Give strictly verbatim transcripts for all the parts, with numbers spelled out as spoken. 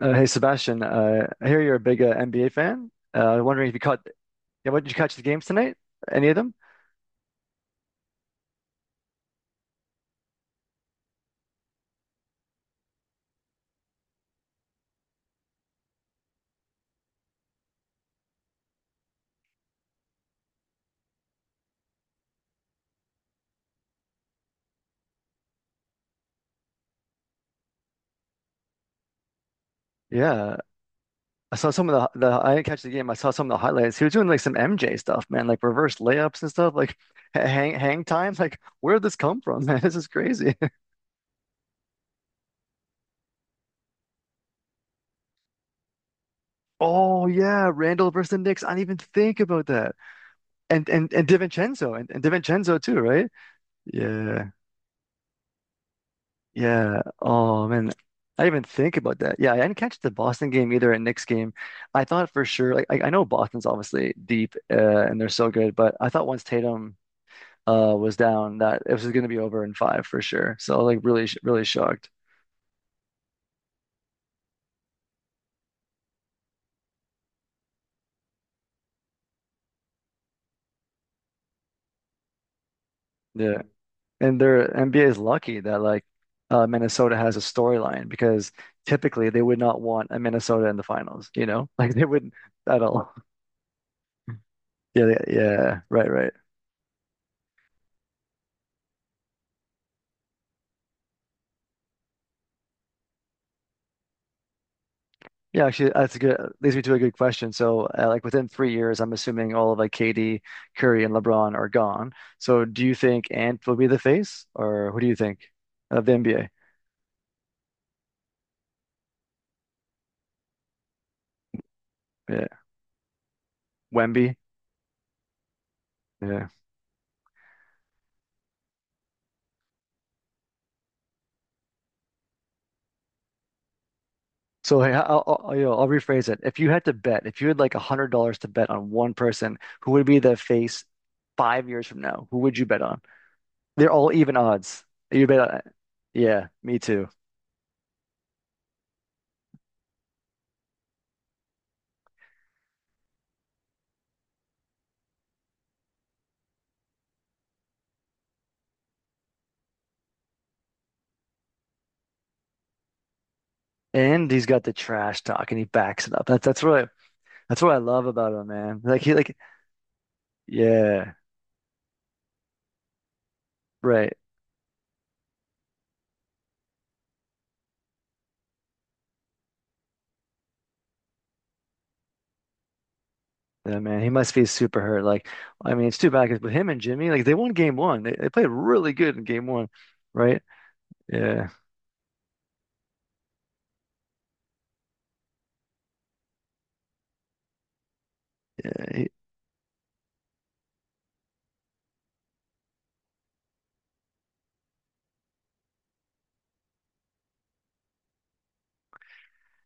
Uh, hey Sebastian, uh, I hear you're a big, uh, N B A fan. Uh, wondering if you caught, yeah, what did you catch the games tonight? Any of them? Yeah, I saw some of the, the. I didn't catch the game. I saw some of the highlights. He was doing like some M J stuff, man, like reverse layups and stuff, like ha- hang hang times. Like, where did this come from, man? This is crazy. Oh yeah, Randall versus the Knicks. I didn't even think about that. And and and DiVincenzo and, and DiVincenzo too, right? Yeah. Yeah. Oh man, I didn't even think about that. Yeah, I didn't catch the Boston game either and Knicks game. I thought for sure, like I, I know Boston's obviously deep, uh, and they're so good, but I thought once Tatum uh was down that it was going to be over in five for sure. So like really, sh- really shocked. Yeah, and their N B A is lucky that like, uh, Minnesota has a storyline because typically they would not want a Minnesota in the finals. You know, like they wouldn't at all. Yeah, yeah, yeah, right, right. Yeah, actually, that's a good leads me to a good question. So, uh, like within three years, I'm assuming all of like K D, Curry, and LeBron are gone. So, do you think Ant will be the face, or who do you think of the N B A? Yeah, Wemby. Yeah. So, hey, I'll, I'll, you know, I'll rephrase it. If you had to bet, if you had like a hundred dollars to bet on one person, who would be the face five years from now? Who would you bet on? They're all even odds. You bet on, yeah, me too. And he's got the trash talk, and he backs it up. That's that's really. That's what I love about him, man. Like he like, yeah, right. Yeah, man, he must be super hurt. Like, I mean, it's too bad because with him and Jimmy, like they won game one. They, they played really good in game one, right? Yeah, He-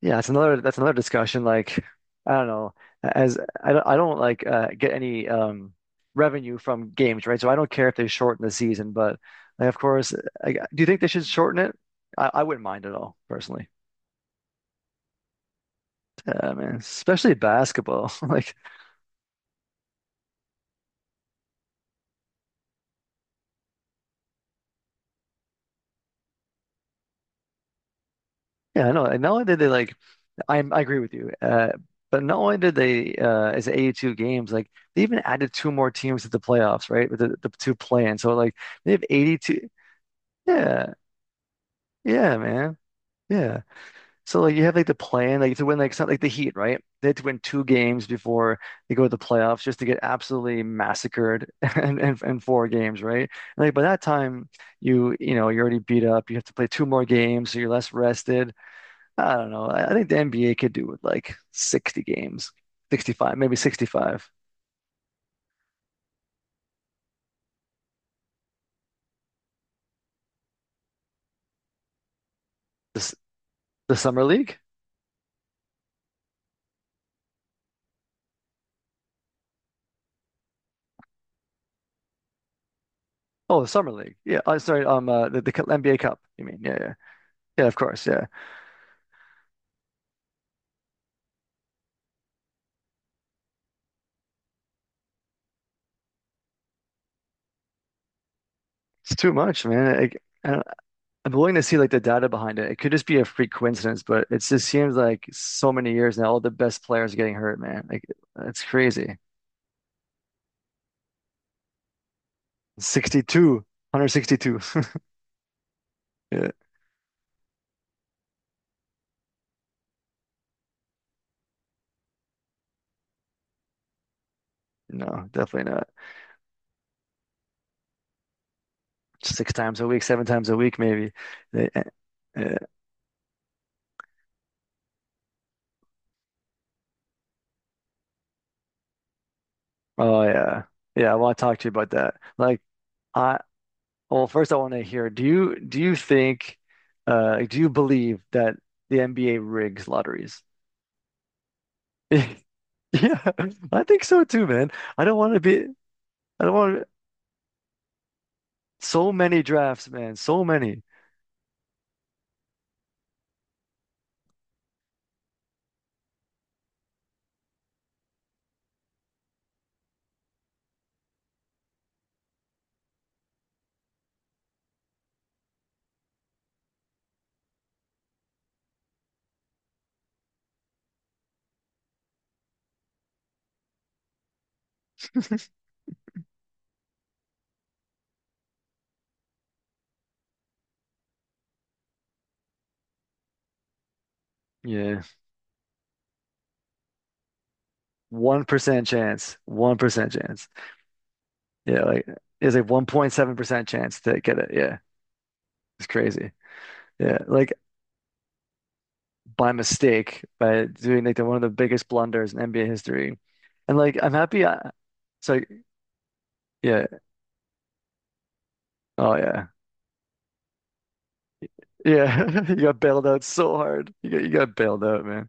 yeah. That's another that's another discussion. Like, I don't know. As I don't I don't, like, uh, get any, um revenue from games, right? So I don't care if they shorten the season, but like, of course, I, do you think they should shorten it? I, I wouldn't mind at all, personally. Yeah, man, especially basketball. Like. Yeah, I know. And not only did they, like, i I agree with you. Uh, but not only did they, uh, as eighty-two games, like they even added two more teams to the playoffs, right? With the, the two play-in. So like they have eighty-two. Yeah, yeah, man. Yeah. So like you have like the plan, like to win like something like the Heat, right? They had to win two games before they go to the playoffs just to get absolutely massacred, and and, and four games, right? And like by that time, you you know you're already beat up. You have to play two more games, so you're less rested. I don't know. I, I think the N B A could do with like sixty games, sixty-five, maybe sixty-five. This, the Summer League? Oh, the Summer League. Yeah. I Sorry. Um, uh, the, the N B A Cup, you mean? Yeah, yeah, yeah. Of course. Yeah. It's too much, man. I, I don't, I'm willing to see like the data behind it. It could just be a freak coincidence, but it just seems like so many years now, all the best players are getting hurt, man. Like it's crazy. sixty-two, one sixty-two. Yeah. No, definitely not. Six times a week, seven times a week, maybe. Yeah. Oh yeah. Yeah, well, I want to talk to you about that. Like I well, first I want to hear, do you do you think, uh do you believe that the N B A rigs lotteries? Yeah, I think so too, man. I don't want to be I don't want so many drafts, man. So many. Yeah. one percent chance. one percent chance. Yeah, like it's a one point seven percent chance to get it. Yeah. It's crazy. Yeah. Like by mistake by doing like the, one of the biggest blunders in N B A history. And like I'm happy I, it's like yeah, oh yeah. Yeah. You got bailed out so hard. You got you got bailed out, man.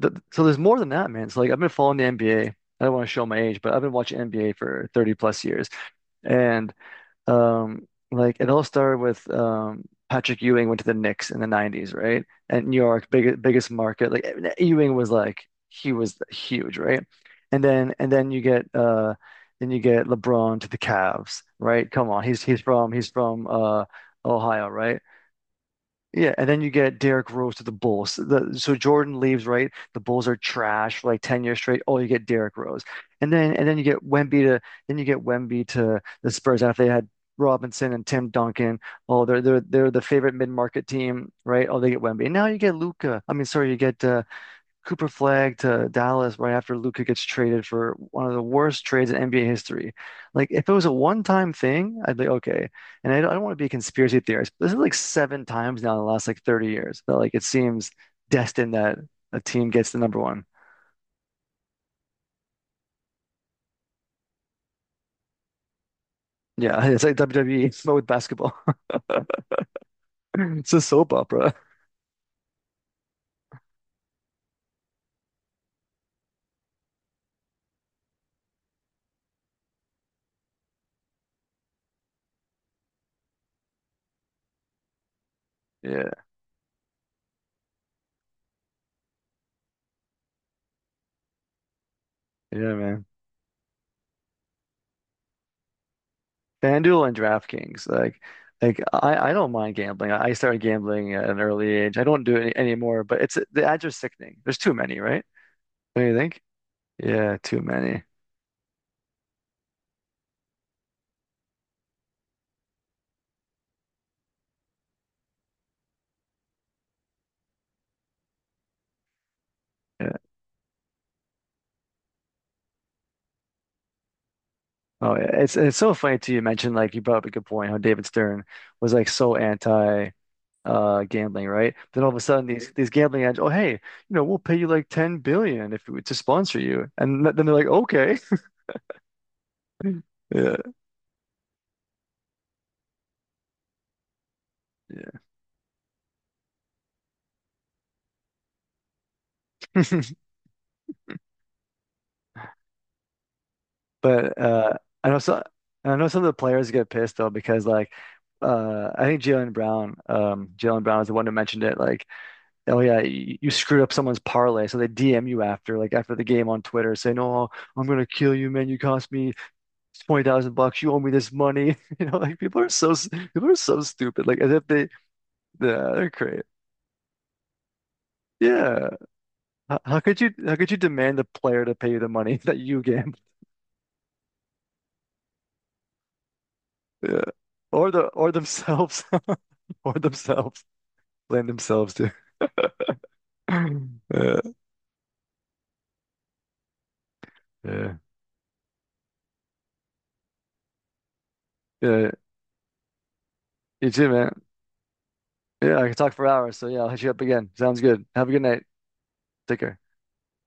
Th so there's more than that, man. It's like I've been following the N B A. I don't want to show my age, but I've been watching N B A for thirty plus years. And Um, like it all started with, um, Patrick Ewing went to the Knicks in the nineties, right? And New York, biggest biggest market. Like, eh, eh, Ewing was like he was huge, right? And then and then you get uh then you get LeBron to the Cavs, right? Come on, he's he's from he's from uh Ohio, right? Yeah, and then you get Derrick Rose to the Bulls. The, so Jordan leaves, right? The Bulls are trash for like ten years straight. Oh, you get Derrick Rose. And then and then you get Wemby to then you get Wemby to the Spurs after they had Robinson and Tim Duncan. Oh, they're they're they're the favorite mid-market team, right? Oh, they get Wemby. And now you get Luca. I mean, sorry, you get, uh, Cooper Flag to Dallas right after Luka gets traded for one of the worst trades in N B A history. Like, if it was a one-time thing, I'd be okay. And I don't, I don't want to be a conspiracy theorist, but this is like seven times now in the last like thirty years that like it seems destined that a team gets the number one. Yeah, it's like W W E but with basketball. It's a soap opera. Yeah, yeah, man. FanDuel and DraftKings, like. Like, I, I don't mind gambling. I I started gambling at an early age. I don't do it, any, anymore, but it's the ads are sickening. There's too many, right? Don't you think? Yeah, too many. Yeah. Oh yeah. It's it's so funny too. You mentioned, like, you brought up a good point how David Stern was like so anti, uh gambling, right? Then all of a sudden these these gambling ads, oh hey, you know, we'll pay you like ten billion if we to sponsor you. And th- then they're like, okay. Yeah. Yeah. But uh I know so I know some of the players get pissed though because like, uh I think Jalen Brown, um Jalen Brown is the one who mentioned it. Like, oh yeah, y- you screwed up someone's parlay, so they D M you after, like after the game on Twitter, saying, "Oh, I'm gonna kill you, man. You cost me twenty thousand bucks. You owe me this money." You know, like people are so s- people are so stupid. Like as if they, yeah, they're crazy. Yeah, how, how could you how could you demand the player to pay you the money that you gambled? Yeah, or the or themselves, or themselves blame themselves too. Yeah, yeah, yeah. You too, man. Yeah, I could talk for hours. So yeah, I'll hit you up again. Sounds good. Have a good night. Take care.